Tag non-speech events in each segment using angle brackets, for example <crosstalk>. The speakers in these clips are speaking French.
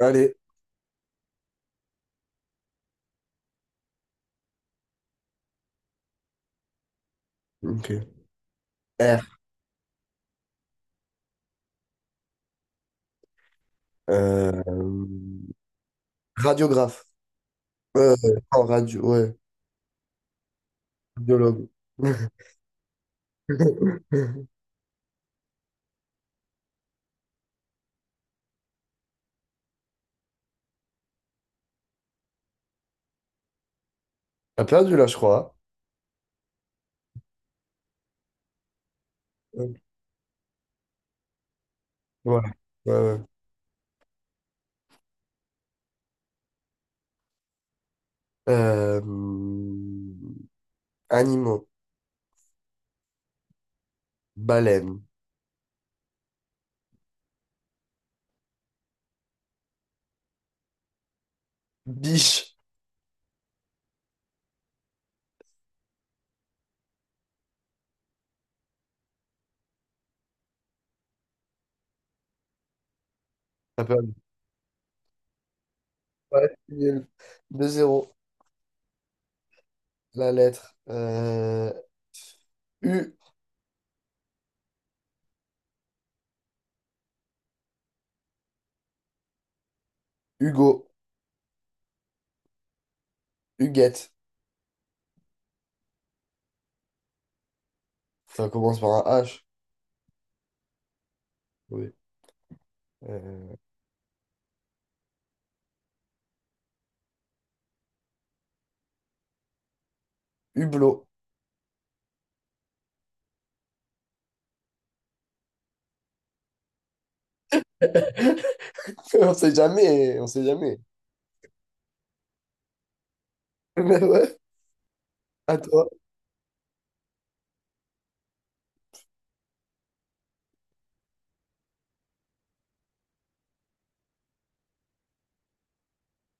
Allez, ok. R. Euh, radiographe. Euh, En radio, ouais. Radiologue. <laughs> T'as perdu là, je crois. Hein. Voilà. Ouais, ouais. Euh, Animaux. Baleine. Biche. T'as perdu. Ouais, c'est nul. 2-0. La lettre. U. Hugo. Huguette. Ça commence par un H. Oui. Euh, Hublot. <laughs> On sait jamais. On sait jamais. <laughs> Mais ouais, à toi.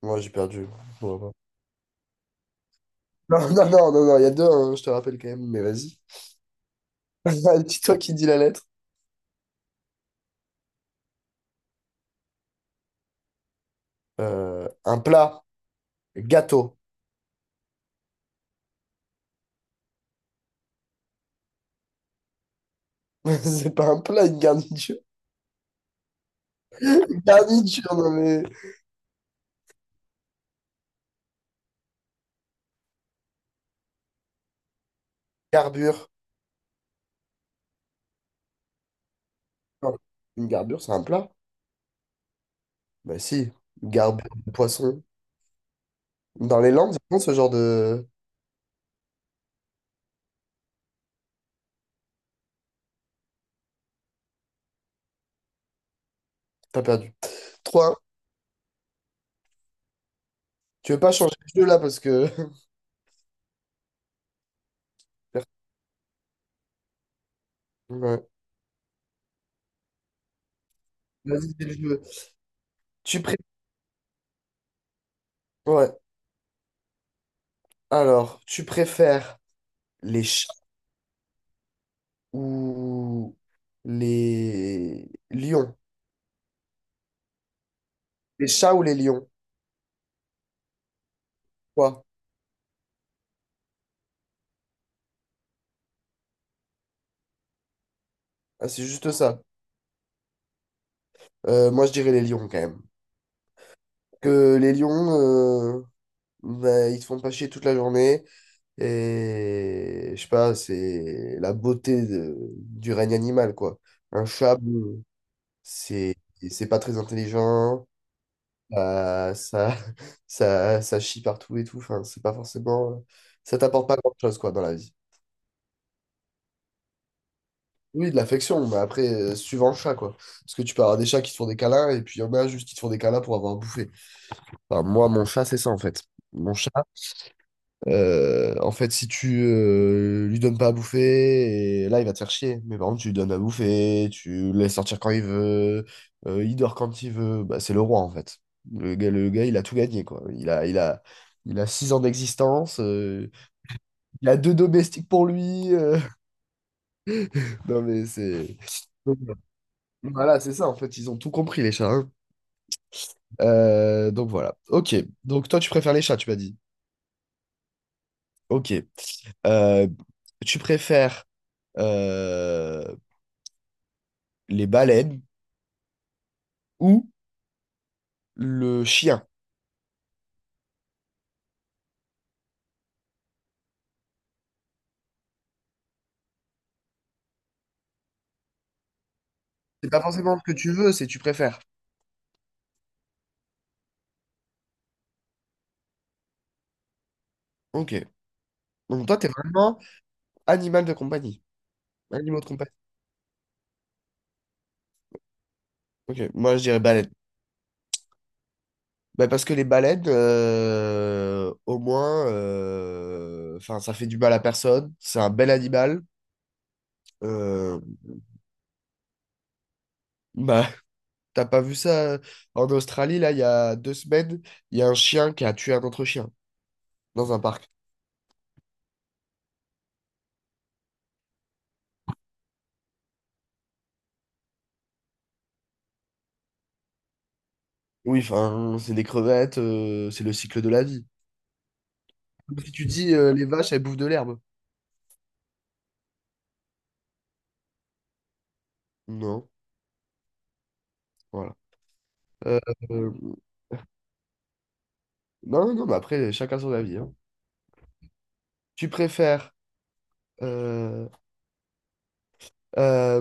Moi, j'ai perdu. Bon, bon. Non, non, non, non, non, il y a deux, hein, je te rappelle quand même, mais vas-y. <laughs> Dis-toi qui dit la lettre. Un plat, gâteau. <laughs> C'est pas un plat, une garniture. <laughs> Une garniture, non mais. Garbure. Non, une garbure, c'est un plat? Bah si, une garbure de poisson. Dans les Landes, ils font ce genre de. T'as perdu. 3. Tu veux pas changer de jeu là parce que. <laughs> Ouais. Vas-y, c'est le jeu. Tu pré... Ouais. Alors, tu préfères les ou les lions. Les chats ou les lions? Quoi? Ah, c'est juste ça. Moi, je dirais les lions quand même. Que les lions, bah, ils se font pas chier toute la journée. Et je sais pas, c'est la beauté du règne animal, quoi. Un chat, bon, c'est c'est pas très intelligent. Ça, <laughs> ça chie partout et tout. Enfin, c'est pas forcément. Ça t'apporte pas grand-chose, quoi, dans la vie. Oui, de l'affection, mais après, suivant le chat, quoi. Parce que tu peux avoir des chats qui te font des câlins, et puis il y en a juste qui te font des câlins pour avoir bouffé. Enfin, moi, mon chat, c'est ça, en fait. Mon chat, en fait, si tu lui donnes pas à bouffer, et là, il va te faire chier. Mais par contre, tu lui donnes à bouffer, tu le laisses sortir quand il veut, il dort quand il veut, bah, c'est le roi, en fait. Le gars, il a tout gagné, quoi. Il a six ans d'existence, il a deux domestiques pour lui. <laughs> Non, mais c'est... Voilà, c'est ça, en fait, ils ont tout compris, les chats. Hein. Donc voilà. Ok. Donc toi, tu préfères les chats, tu m'as dit. Ok. Euh, Tu préfères euh, les baleines ou le chien? C'est pas forcément ce que tu veux, c'est tu préfères. Ok. Donc toi, t'es vraiment animal de compagnie. Animaux de compagnie. Ok. Moi, je dirais baleine. Bah, parce que les baleines, au moins, enfin, ça fait du mal à personne. C'est un bel animal. Euh, bah, T'as pas vu ça en Australie, là, il y a deux semaines, il y a un chien qui a tué un autre chien dans un parc. Oui, enfin, c'est des crevettes, c'est le cycle de la vie. Comme si tu dis les vaches, elles bouffent de l'herbe. Non, voilà. Euh, euh, non, non, non, mais après, chacun son avis. Hein. Tu préfères, euh, euh,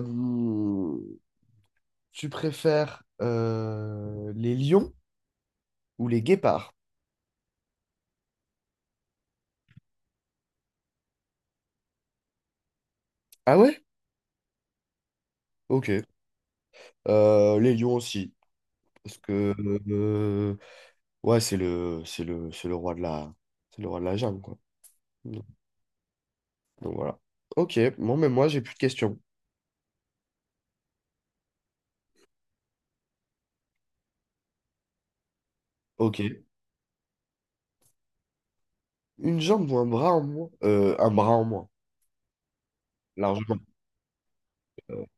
Tu préfères les lions ou les guépards? Ah ouais? Ok. Les lions aussi. Parce que euh, ouais, c'est le roi c'est le roi de la jungle, quoi. Mmh. Donc voilà. Ok, bon, mais moi, j'ai plus de questions. Ok. Une jambe ou un bras en moins? Un bras en moins, largement.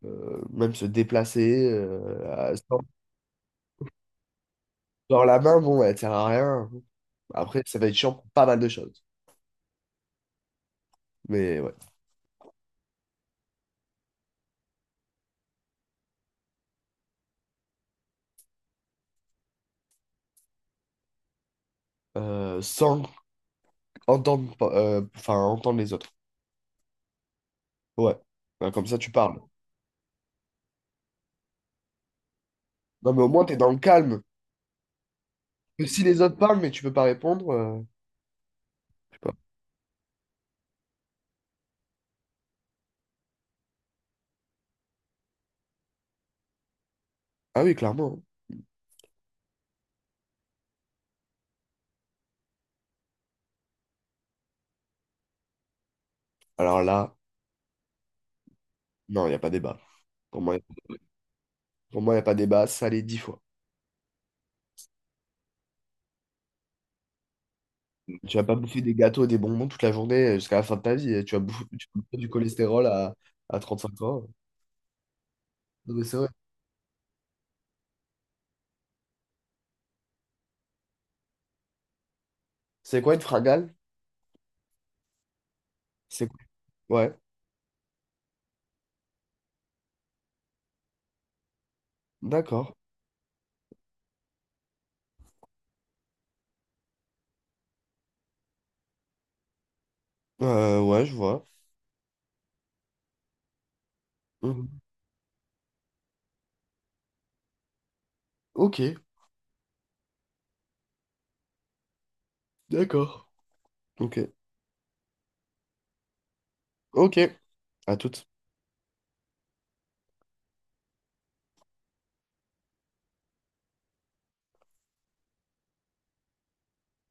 Même se déplacer, sans la main, bon, elle sert à rien. Après, ça va être chiant pour pas mal de choses. Mais ouais. Sans entendre, pa- Enfin, entendre les autres. Ouais. Ben, comme ça, tu parles. Non, mais au moins, t'es dans le calme. Que si les autres parlent, mais tu peux pas répondre, je sais pas. Ah oui, clairement. Alors là. Non, il n'y a pas débat. Pour moi, pour moi, il n'y a pas débat. Salé dix fois. Tu vas pas bouffer des gâteaux, des bonbons toute la journée jusqu'à la fin de ta vie. Tu vas bouffer du cholestérol à trente-cinq ans. Non, mais c'est vrai. C'est quoi une fragale? C'est quoi- Ouais, d'accord. Ouais, je vois. Mhm. Ok, d'accord. Ok, ok. À toute.